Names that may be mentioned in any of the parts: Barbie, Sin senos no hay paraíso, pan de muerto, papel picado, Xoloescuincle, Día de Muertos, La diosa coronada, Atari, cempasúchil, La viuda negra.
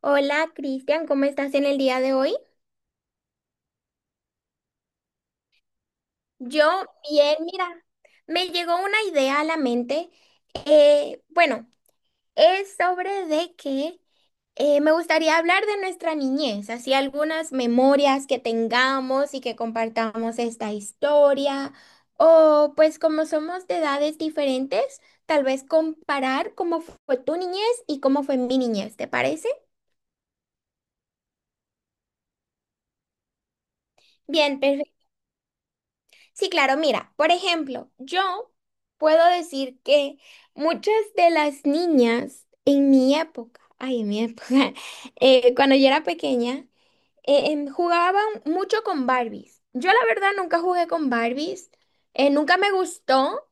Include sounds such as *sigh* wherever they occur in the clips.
Hola, Cristian, ¿cómo estás en el día de hoy? Yo bien, mira, me llegó una idea a la mente. Bueno, es sobre de que me gustaría hablar de nuestra niñez, así algunas memorias que tengamos y que compartamos esta historia, o pues como somos de edades diferentes, tal vez comparar cómo fue tu niñez y cómo fue mi niñez, ¿te parece? Bien. Sí, claro, mira, por ejemplo, yo puedo decir que muchas de las niñas en mi época, ay, en mi época, *laughs* cuando yo era pequeña, jugaban mucho con Barbies. Yo la verdad nunca jugué con Barbies, nunca me gustó,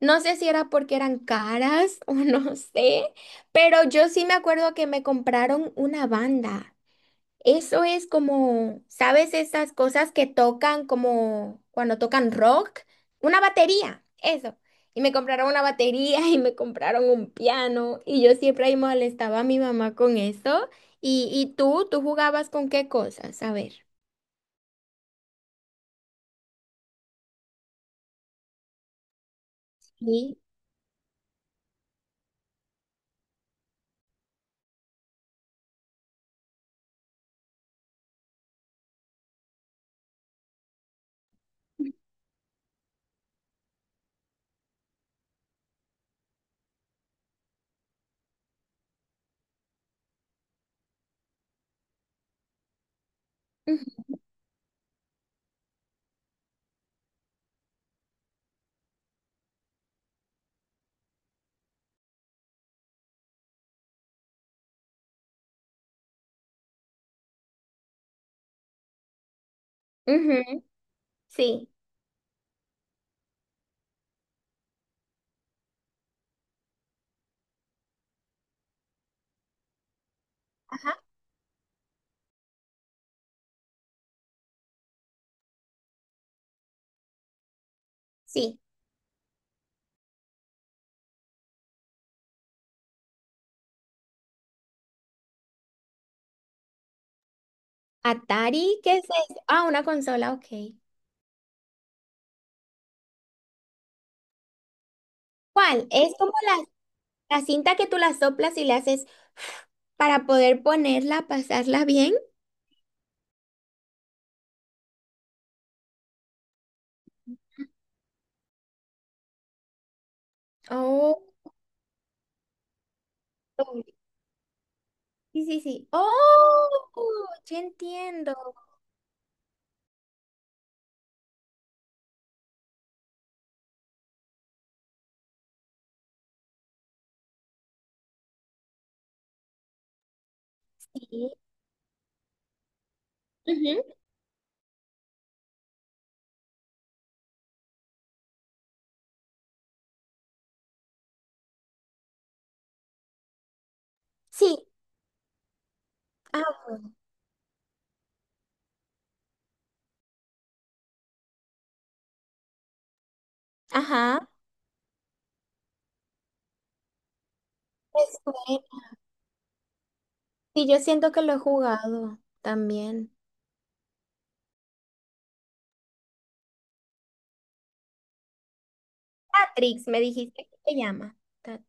no sé si era porque eran caras *laughs* o no sé, pero yo sí me acuerdo que me compraron una banda. Eso es como, ¿sabes? Esas cosas que tocan como cuando tocan rock. Una batería, eso. Y me compraron una batería *laughs* y me compraron un piano y yo siempre ahí molestaba a mi mamá con eso. ¿Y tú jugabas con qué cosas? A ver. Sí. Ujú, ujú. Sí. Ajá. Sí. ¿Atari, qué es eso? Ah, una consola, ok. ¿Cuál? Es como la cinta que tú la soplas y le haces para poder ponerla, pasarla bien. Oh, sí, sí, sí. Oh, ya entiendo. Sí. Ujú. Sí. Ah, bueno. Ajá. Pues, bueno, sí, yo siento que lo he jugado también. Tatrix, me dijiste que se llama.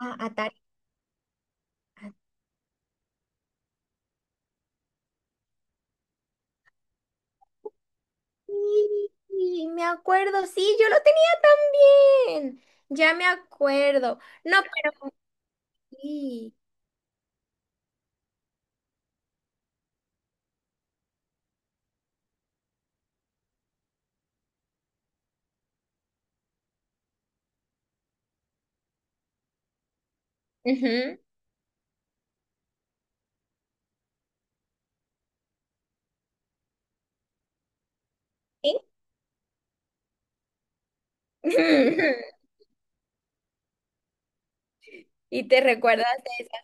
Ah, Atari. Ah, sí, me acuerdo. Sí, yo lo tenía también. Ya me acuerdo. No, pero sí. Ujú. Sí. *laughs* Y te recuerdas de esas.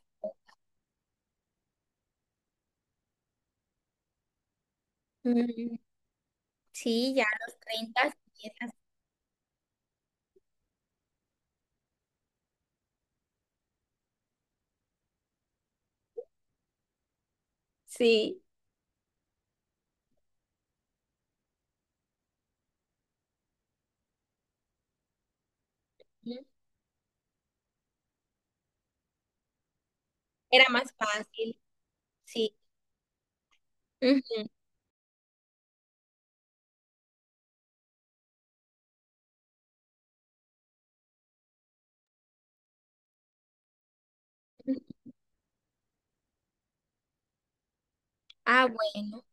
Mm, sí, ya a los 30 sí. Sí. Ujú. Era más fácil. Sí. Ujú. Ujú. Ah, bueno.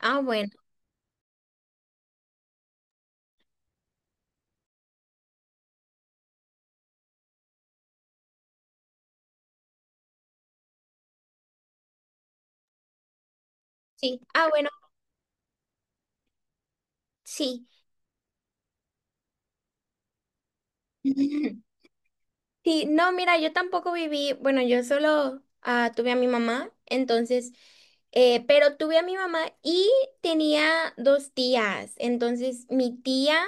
Ah, bueno. Sí. Ah, bueno. Sí. *laughs* Sí, no, mira, yo tampoco viví, bueno, yo solo tuve a mi mamá. Entonces, pero tuve a mi mamá y tenía dos tías. Entonces mi tía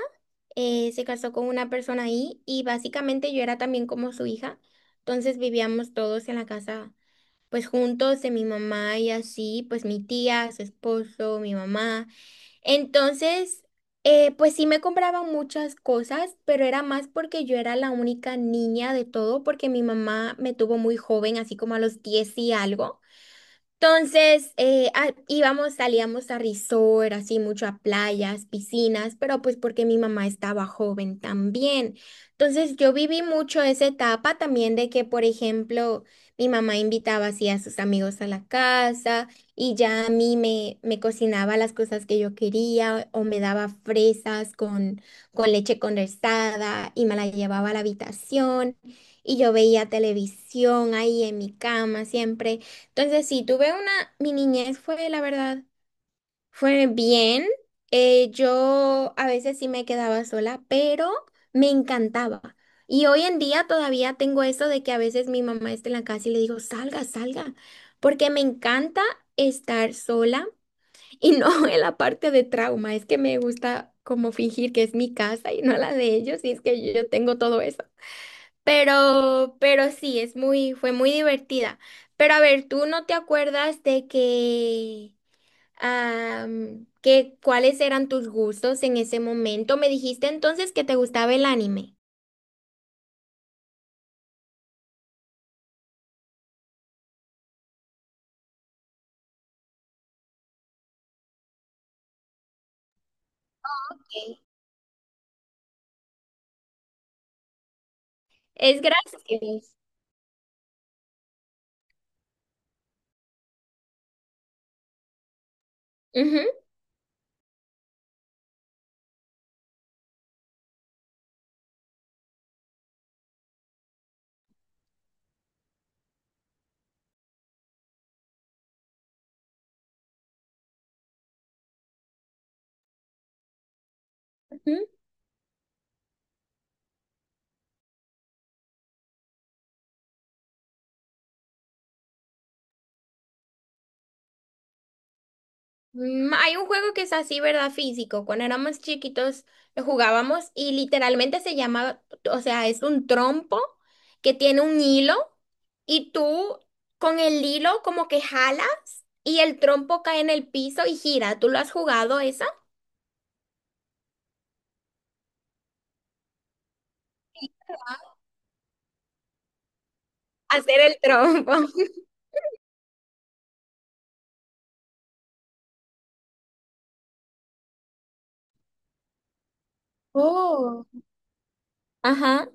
se casó con una persona ahí y básicamente yo era también como su hija. Entonces vivíamos todos en la casa pues juntos de mi mamá y así, pues mi tía, su esposo, mi mamá. Entonces, pues sí me compraban muchas cosas, pero era más porque yo era la única niña de todo, porque mi mamá me tuvo muy joven, así como a los 10 y algo. Entonces, íbamos, salíamos a resort, así mucho a playas, piscinas, pero pues porque mi mamá estaba joven también. Entonces, yo viví mucho esa etapa también de que, por ejemplo, mi mamá invitaba así a sus amigos a la casa y ya a mí me cocinaba las cosas que yo quería o me daba fresas con leche condensada y me la llevaba a la habitación y yo veía televisión ahí en mi cama siempre. Entonces, sí, tuve mi niñez fue, la verdad, fue bien. Yo a veces sí me quedaba sola, pero me encantaba. Y hoy en día todavía tengo eso de que a veces mi mamá está en la casa y le digo, salga, salga, porque me encanta estar sola y no *laughs* en la parte de trauma, es que me gusta como fingir que es mi casa y no la de ellos, y es que yo tengo todo eso. Pero sí, fue muy divertida. Pero a ver, ¿tú no te acuerdas de que cuáles eran tus gustos en ese momento? Me dijiste entonces que te gustaba el anime. Ok. Es gracioso. Ujú. Hay un juego que es así, ¿verdad? Físico. Cuando éramos chiquitos lo jugábamos y literalmente se llama, o sea, es un trompo que tiene un hilo y tú con el hilo como que jalas y el trompo cae en el piso y gira. ¿Tú lo has jugado esa? Hacer el trompo. *laughs* Oh. Ajá,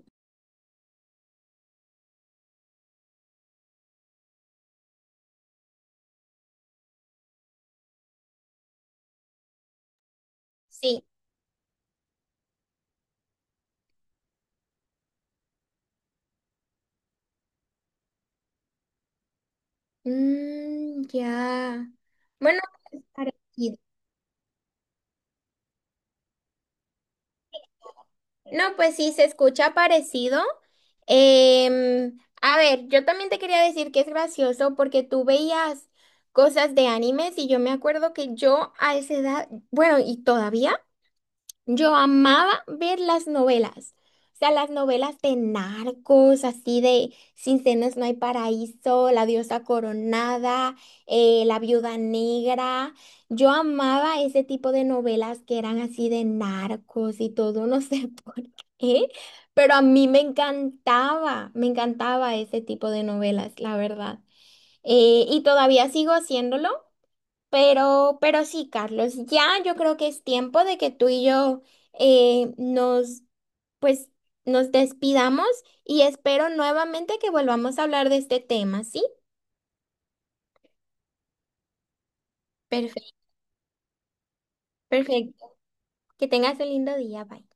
sí. Mm, ya. Bueno, es parecido. No, pues sí, se escucha parecido. Em, a ver, yo también te quería decir que es gracioso porque tú veías cosas de animes y yo me acuerdo que yo a esa edad, bueno, y todavía. Yo amaba ver las novelas, o sea, las novelas de narcos, así de Sin senos no hay paraíso, La diosa coronada, La viuda negra. Yo amaba ese tipo de novelas que eran así de narcos y todo, no sé *laughs* por qué, pero a mí me encantaba ese tipo de novelas, la verdad. Y todavía sigo haciéndolo. Pero sí, Carlos, ya yo creo que es tiempo de que tú y yo eh, nos, pues, nos despidamos y espero nuevamente que volvamos a hablar de este tema, ¿sí? Perfecto, perfecto. Que tengas un lindo día, bye.